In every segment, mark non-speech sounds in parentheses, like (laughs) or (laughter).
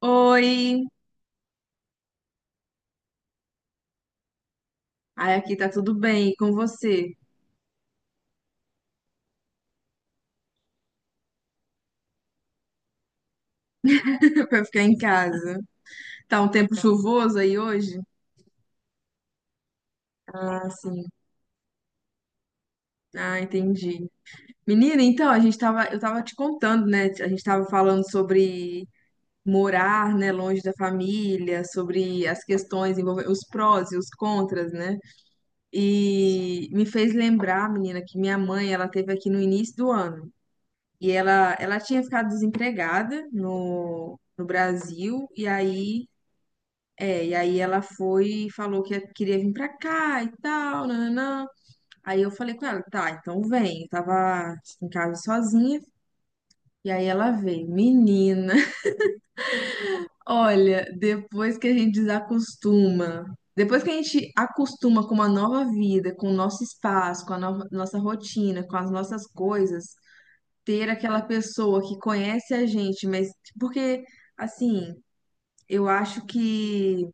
Oi! Ai, aqui tá tudo bem, e com você? (laughs) Pra ficar em casa. Tá um tempo chuvoso aí hoje? Ah, sim. Ah, entendi. Menina, então, eu tava te contando, né? A gente tava falando sobre morar, né, longe da família, sobre as questões envolvendo os prós e os contras, né? E me fez lembrar, menina, que minha mãe, ela teve aqui no início do ano. E ela tinha ficado desempregada no Brasil, e aí é, e aí ela foi e falou que queria vir pra cá e tal, nananã. Aí eu falei com ela, tá, então vem. Eu tava em casa sozinha, e aí ela veio. Menina, (laughs) olha, depois que a gente acostuma com uma nova vida, com o nosso espaço, com a nossa rotina, com as nossas coisas, ter aquela pessoa que conhece a gente, mas porque, assim, eu acho que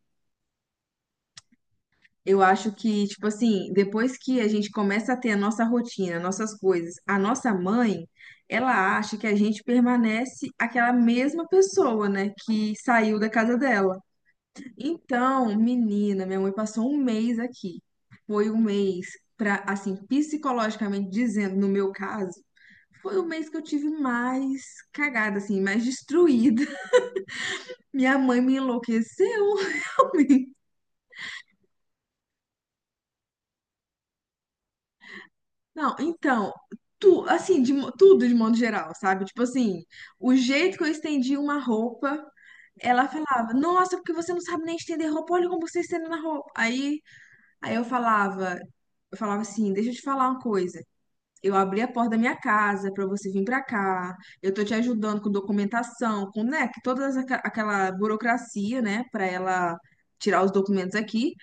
Eu acho que, tipo assim, depois que a gente começa a ter a nossa rotina, nossas coisas, a nossa mãe, ela acha que a gente permanece aquela mesma pessoa, né, que saiu da casa dela. Então, menina, minha mãe passou um mês aqui. Foi um mês pra, assim, psicologicamente dizendo, no meu caso, foi o mês que eu tive mais cagada, assim, mais destruída. (laughs) Minha mãe me enlouqueceu, (laughs) realmente. Não, então, tu, assim, tudo de modo geral, sabe? Tipo assim, o jeito que eu estendi uma roupa, ela falava, nossa, porque você não sabe nem estender roupa, olha como você estende na roupa. Aí, aí eu falava assim, deixa eu te falar uma coisa. Eu abri a porta da minha casa pra você vir pra cá. Eu tô te ajudando com documentação, com, né, que toda aquela burocracia, né, pra ela tirar os documentos aqui.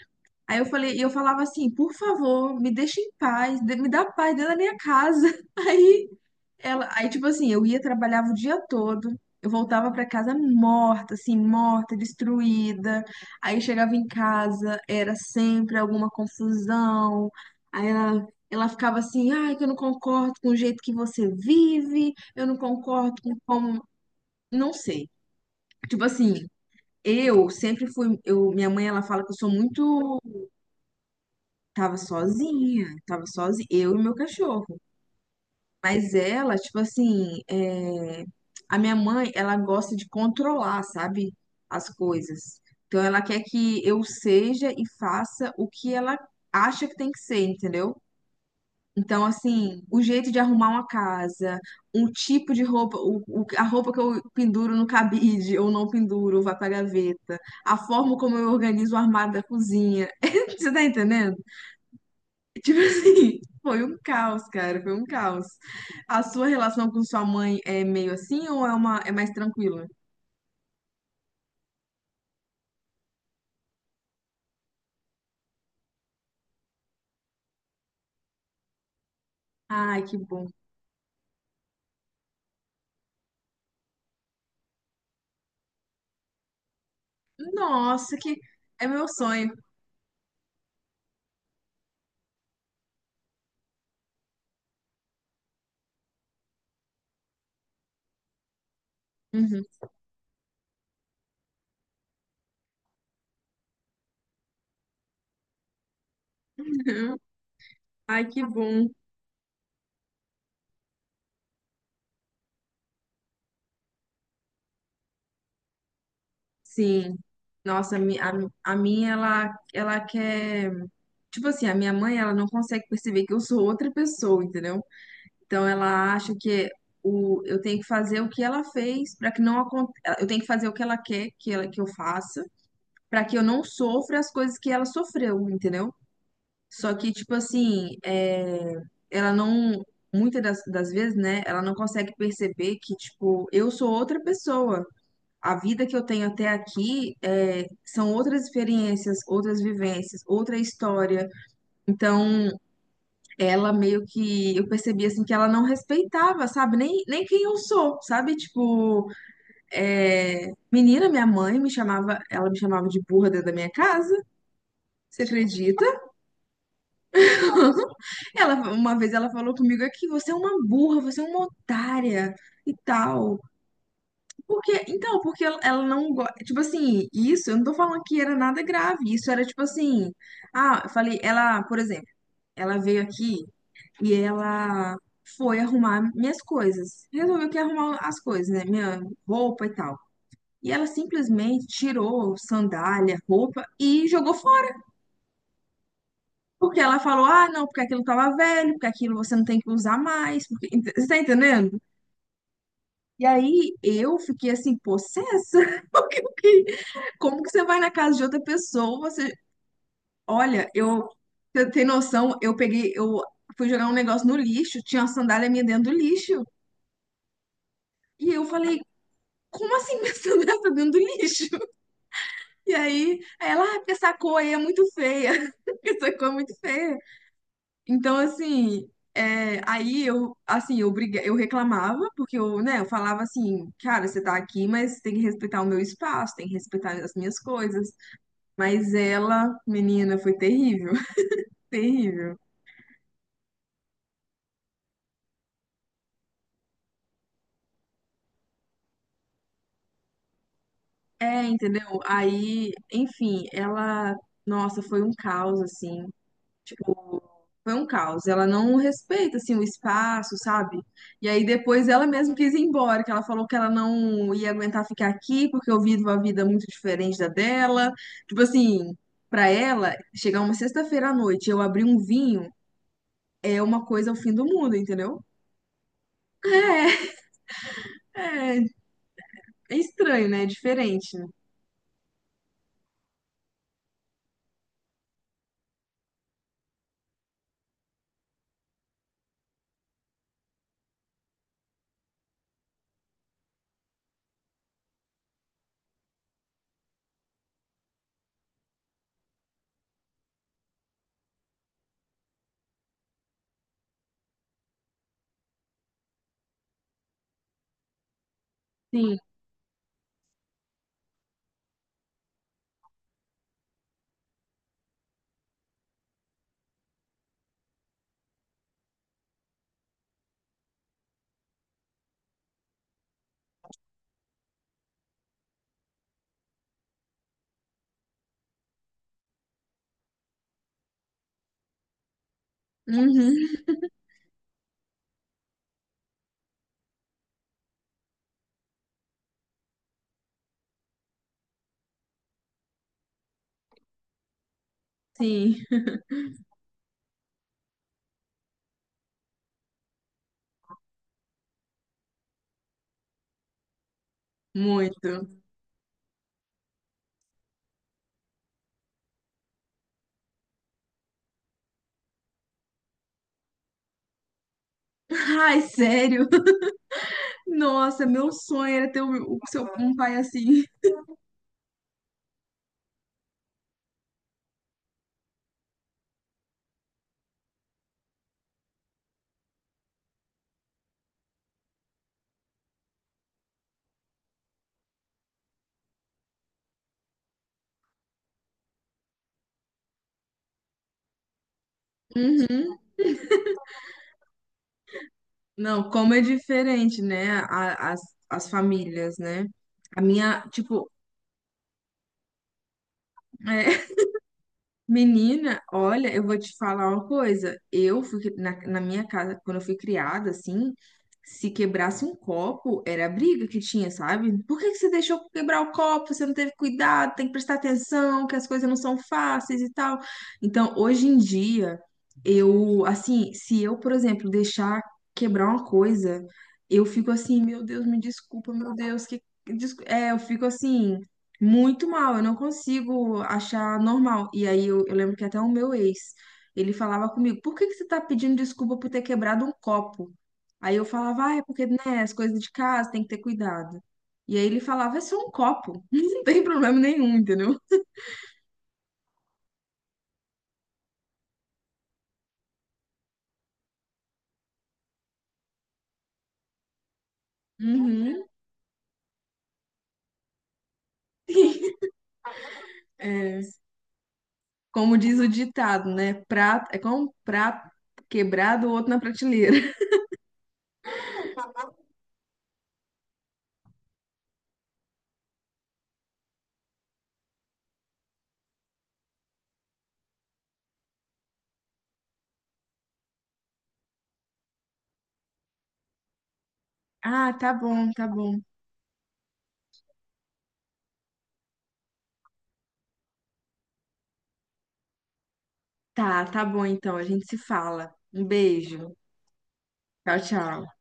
Aí eu falei, e eu falava assim, por favor, me deixa em paz, me dá paz dentro da minha casa. (laughs) Aí tipo assim, eu ia trabalhava o dia todo, eu voltava pra casa morta, assim, morta, destruída. Aí chegava em casa, era sempre alguma confusão. Aí ela Ela ficava assim, ai, que eu não concordo com o jeito que você vive, eu não concordo com como, não sei. Tipo assim, eu sempre fui, eu, minha mãe, ela fala que eu sou muito... tava sozinha, eu e meu cachorro. Mas ela, tipo assim, é, a minha mãe, ela gosta de controlar, sabe, as coisas. Então ela quer que eu seja e faça o que ela acha que tem que ser, entendeu? Então, assim, o jeito de arrumar uma casa, um tipo de roupa, a roupa que eu penduro no cabide ou não penduro, vai pra gaveta, a forma como eu organizo o armário da cozinha. (laughs) Você tá entendendo? Tipo assim, (laughs) foi um caos, cara, foi um caos. A sua relação com sua mãe é meio assim ou é uma é mais tranquila? Ai, que bom. Nossa, que é meu sonho. Uhum. (laughs) Ai, que bom. Sim. Nossa, a minha, ela quer. Tipo assim, a minha mãe, ela não consegue perceber que eu sou outra pessoa, entendeu? Então, ela acha que eu tenho que fazer o que ela fez para que não aconteça. Eu tenho que fazer o que ela quer que eu faça para que eu não sofra as coisas que ela sofreu, entendeu? Só que, tipo assim, é, ela não... Muitas das vezes, né, ela não consegue perceber que, tipo, eu sou outra pessoa. A vida que eu tenho até aqui é, são outras experiências, outras vivências, outra história. Então, ela meio que... Eu percebi, assim, que ela não respeitava, sabe? Nem quem eu sou, sabe? Tipo, é, menina, minha mãe me chamava. Ela me chamava de burra dentro da minha casa. Você acredita? Ela, uma vez ela falou comigo aqui, você é uma burra, você é uma otária e tal. Porque, então, porque ela não gosta. Tipo assim, isso, eu não tô falando que era nada grave. Isso era tipo assim. Ah, eu falei, ela, por exemplo, ela veio aqui e ela foi arrumar minhas coisas. Resolveu que ia arrumar as coisas, né? Minha roupa e tal. E ela simplesmente tirou sandália, roupa e jogou... Porque ela falou, ah, não, porque aquilo tava velho, porque aquilo você não tem que usar mais, porque... Você tá entendendo? E aí eu fiquei assim, possessa, (laughs) porque como que você vai na casa de outra pessoa, você... Olha, você tem noção, eu fui jogar um negócio no lixo, tinha uma sandália minha dentro do lixo, e eu falei, como assim minha (laughs) sandália tá dentro do lixo? Aí ela, ah, porque essa cor aí é muito feia, (laughs) essa cor é muito feia. Então, assim, é, aí eu, assim, eu reclamava, porque eu, né, eu falava assim, cara, você tá aqui, mas tem que respeitar o meu espaço, tem que respeitar as minhas coisas. Mas ela, menina, foi terrível, (laughs) terrível. É, entendeu? Aí, enfim, ela, nossa, foi um caos, assim. Tipo, foi um caos. Ela não respeita, assim, o espaço, sabe? E aí depois ela mesma quis ir embora, que ela falou que ela não ia aguentar ficar aqui porque eu vivo uma vida muito diferente da dela. Tipo assim, pra ela, chegar uma sexta-feira à noite e eu abrir um vinho é uma coisa ao fim do mundo, entendeu? É, é estranho, né? É diferente, né? Sim. Uhum. Sim, muito. Ai, sério? Nossa, meu sonho era ter um pai assim. Uhum. Não, como é diferente, né? As famílias, né? A minha, tipo, é... Menina, olha, eu vou te falar uma coisa. Eu na minha casa, quando eu fui criada, assim, se quebrasse um copo, era a briga que tinha, sabe? Por que que você deixou quebrar o copo? Você não teve cuidado, tem que prestar atenção, que as coisas não são fáceis e tal. Então, hoje em dia, eu, assim, se eu, por exemplo, deixar quebrar uma coisa, eu fico assim, meu Deus, me desculpa, meu Deus, que... É, eu fico assim. Muito mal, eu não consigo achar normal. E aí eu lembro que até o meu ex, ele falava comigo, por que que você tá pedindo desculpa por ter quebrado um copo? Aí eu falava, ah, é porque, né, as coisas de casa tem que ter cuidado. E aí ele falava, é só um copo, (laughs) não tem problema nenhum, entendeu? Uhum. (laughs) É, como diz o ditado, né, é como um prato quebrado, o outro na prateleira. (laughs) Ah, tá bom, tá bom. Tá, tá bom então, a gente se fala. Um beijo. Tchau, tchau.